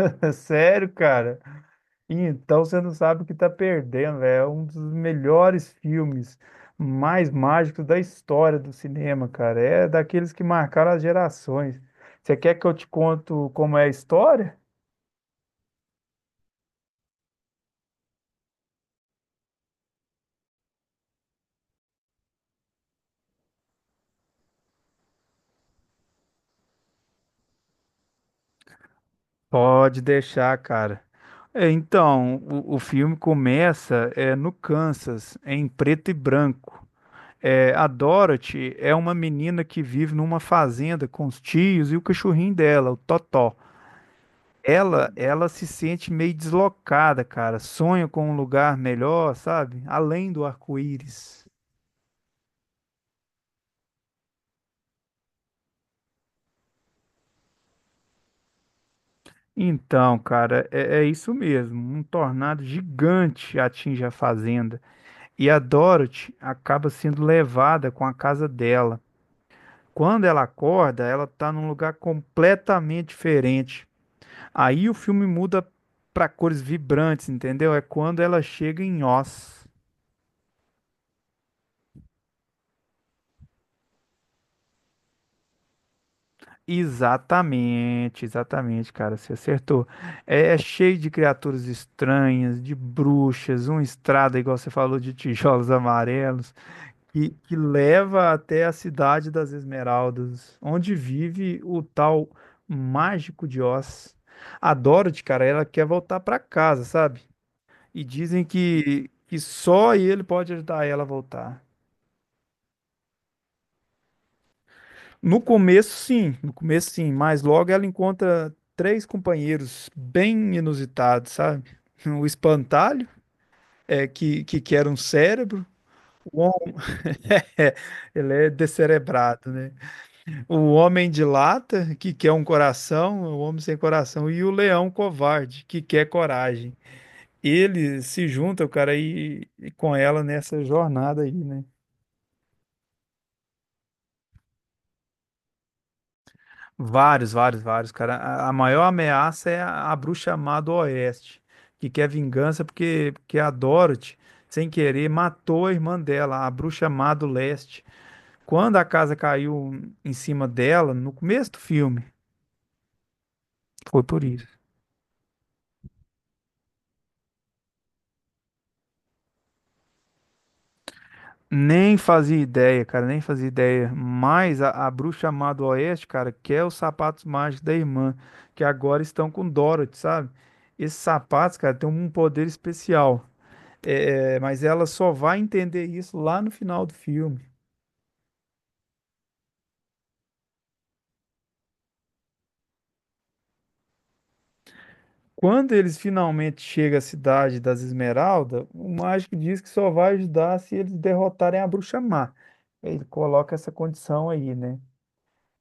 É sério, cara? Então você não sabe o que tá perdendo, velho. É um dos melhores filmes mais mágicos da história do cinema, cara. É daqueles que marcaram as gerações. Você quer que eu te conto como é a história? Pode deixar, cara. Então, o filme começa no Kansas, em preto e branco. É, a Dorothy é uma menina que vive numa fazenda com os tios e o cachorrinho dela, o Totó. Ela se sente meio deslocada, cara. Sonha com um lugar melhor, sabe? Além do arco-íris. Então, cara, é isso mesmo. Um tornado gigante atinge a fazenda e a Dorothy acaba sendo levada com a casa dela. Quando ela acorda, ela está num lugar completamente diferente. Aí o filme muda para cores vibrantes, entendeu? É quando ela chega em Oz. Exatamente, exatamente, cara, você acertou. É cheio de criaturas estranhas, de bruxas, uma estrada, igual você falou, de tijolos amarelos, que leva até a cidade das Esmeraldas, onde vive o tal mágico de Oz. A Dorothy, cara, ela quer voltar pra casa, sabe? E dizem que só ele pode ajudar ela a voltar. No começo, sim, no começo, sim, mas logo ela encontra três companheiros bem inusitados, sabe? O espantalho, que quer um cérebro, o homem, é, ele é descerebrado, né? O homem de lata, que quer um coração, o homem sem coração, e o leão covarde, que quer coragem. Ele se junta, o cara, e com ela nessa jornada aí, né? Vários, vários, vários, cara. A maior ameaça é a bruxa má do Oeste, que quer vingança porque a Dorothy, sem querer, matou a irmã dela, a bruxa má do Leste. Quando a casa caiu em cima dela, no começo do filme, foi por isso. Nem fazia ideia, cara, nem fazia ideia. Mas a bruxa má do Oeste, cara, quer os sapatos mágicos da irmã, que agora estão com Dorothy, sabe? Esses sapatos, cara, têm um poder especial. Mas ela só vai entender isso lá no final do filme. Quando eles finalmente chegam à cidade das Esmeraldas, o mágico diz que só vai ajudar se eles derrotarem a bruxa má. Ele coloca essa condição aí, né?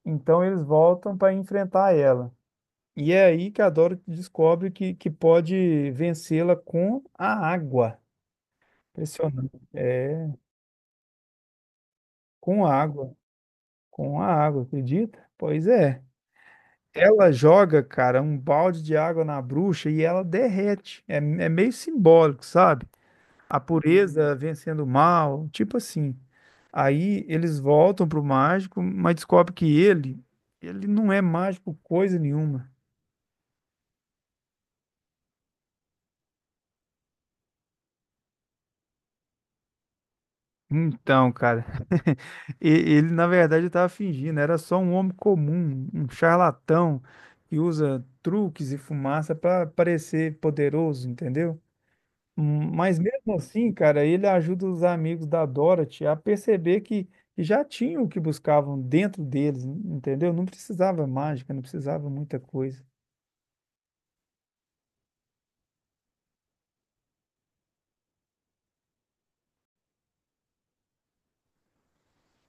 Então eles voltam para enfrentar ela. E é aí que a Dorothy descobre que pode vencê-la com a água. Impressionante. É, com a água. Com a água, acredita? Pois é. Ela joga, cara, um balde de água na bruxa e ela derrete. É meio simbólico, sabe? A pureza vencendo o mal, tipo assim. Aí eles voltam pro mágico, mas descobre que ele não é mágico coisa nenhuma. Então, cara, e- ele na verdade estava fingindo, era só um homem comum, um charlatão que usa truques e fumaça para parecer poderoso, entendeu? Mas mesmo assim, cara, ele ajuda os amigos da Dorothy a perceber que já tinham o que buscavam dentro deles, entendeu? Não precisava mágica, não precisava muita coisa.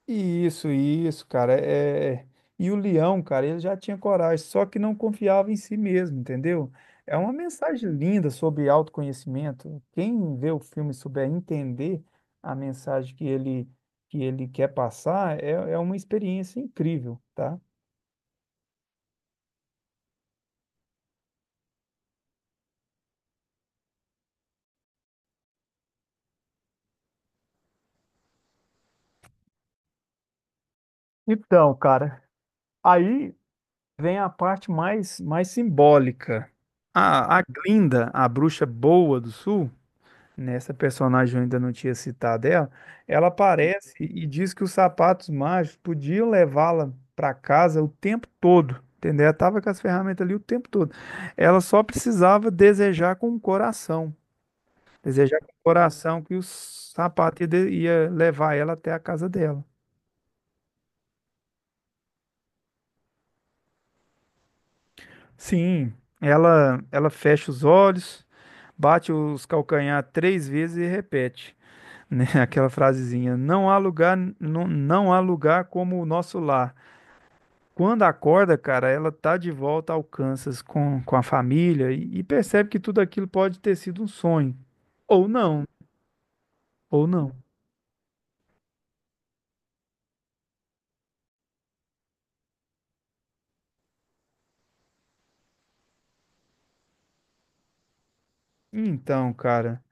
Isso, cara. E o leão, cara, ele já tinha coragem, só que não confiava em si mesmo, entendeu? É uma mensagem linda sobre autoconhecimento. Quem vê o filme e souber entender a mensagem que ele quer passar, é uma experiência incrível, tá? Então, cara. Aí vem a parte mais simbólica. A Glinda, a bruxa boa do sul, nessa personagem eu ainda não tinha citado ela, ela aparece e diz que os sapatos mágicos podiam levá-la para casa o tempo todo, entendeu? Ela estava com as ferramentas ali o tempo todo. Ela só precisava desejar com o coração, desejar com o coração que os sapatos ia levar ela até a casa dela. Sim, ela fecha os olhos, bate os calcanhar três vezes e repete, né? Aquela frasezinha, não há lugar, não há lugar como o nosso lar. Quando acorda, cara, ela tá de volta ao Kansas com a família e percebe que tudo aquilo pode ter sido um sonho. Ou não, ou não. Então, cara,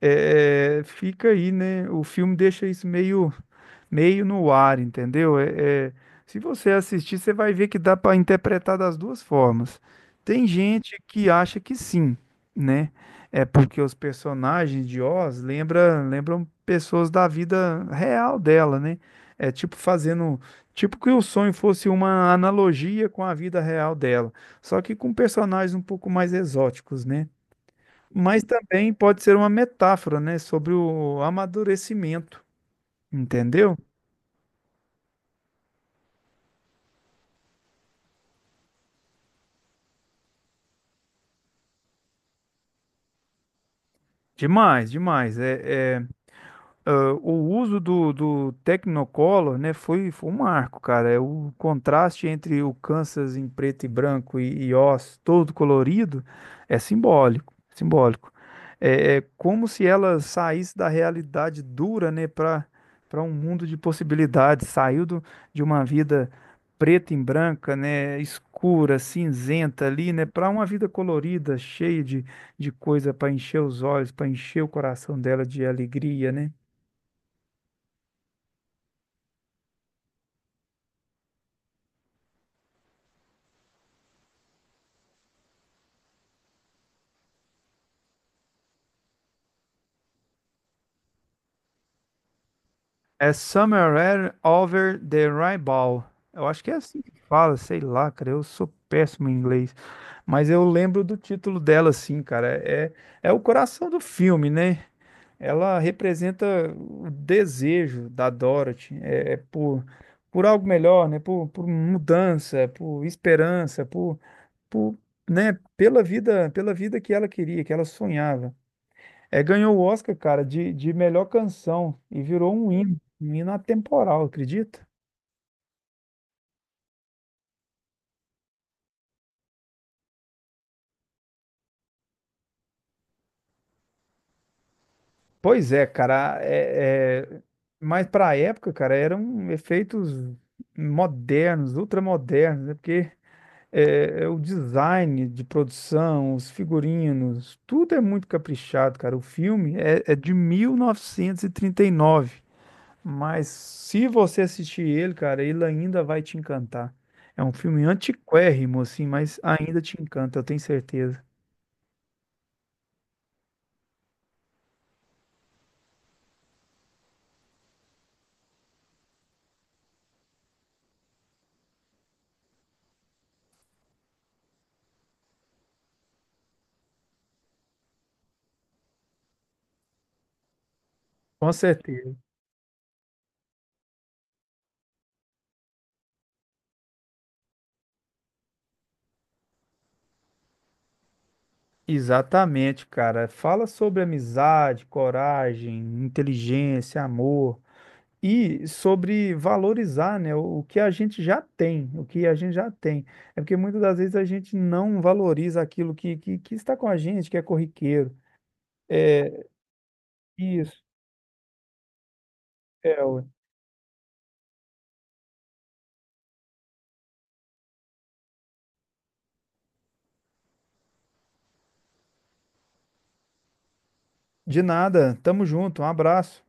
fica aí, né? O filme deixa isso meio no ar, entendeu? Se você assistir, você vai ver que dá para interpretar das duas formas. Tem gente que acha que sim, né? É porque os personagens de Oz lembram pessoas da vida real dela, né? É tipo fazendo, tipo que o sonho fosse uma analogia com a vida real dela, só que com personagens um pouco mais exóticos, né? Mas também pode ser uma metáfora, né, sobre o amadurecimento, entendeu? Demais, demais. O uso do, do Technicolor, né, foi um marco, cara. É o contraste entre o Kansas em preto e branco e Oz todo colorido é simbólico, simbólico. É como se ela saísse da realidade dura, né, para para um mundo de possibilidades. Saiu do, de uma vida preta e branca, né, escura, cinzenta ali, né, para uma vida colorida, cheia de coisa para encher os olhos, para encher o coração dela de alegria, né? É Somewhere Over the Rainbow. Eu acho que é assim que fala, sei lá, cara. Eu sou péssimo em inglês. Mas eu lembro do título dela, assim, cara. É o coração do filme, né? Ela representa o desejo da Dorothy. Por algo melhor, né? Por mudança, por esperança, por, né? Pela vida que ela queria, que ela sonhava. É, ganhou o Oscar, cara, de melhor canção e virou um hino atemporal, acredita? Pois é, cara, mas para a época, cara, eram efeitos modernos, ultramodernos, né? Porque é o design de produção, os figurinos, tudo é muito caprichado, cara. O filme é de 1939. Mas se você assistir ele, cara, ele ainda vai te encantar. É um filme antiquérrimo, assim, mas ainda te encanta, eu tenho certeza. Com certeza. Exatamente, cara. Fala sobre amizade, coragem, inteligência, amor e sobre valorizar, né, o que a gente já tem, o que a gente já tem. É porque muitas das vezes a gente não valoriza aquilo que está com a gente, que é corriqueiro. É isso. É, ué. De nada. Tamo junto. Um abraço.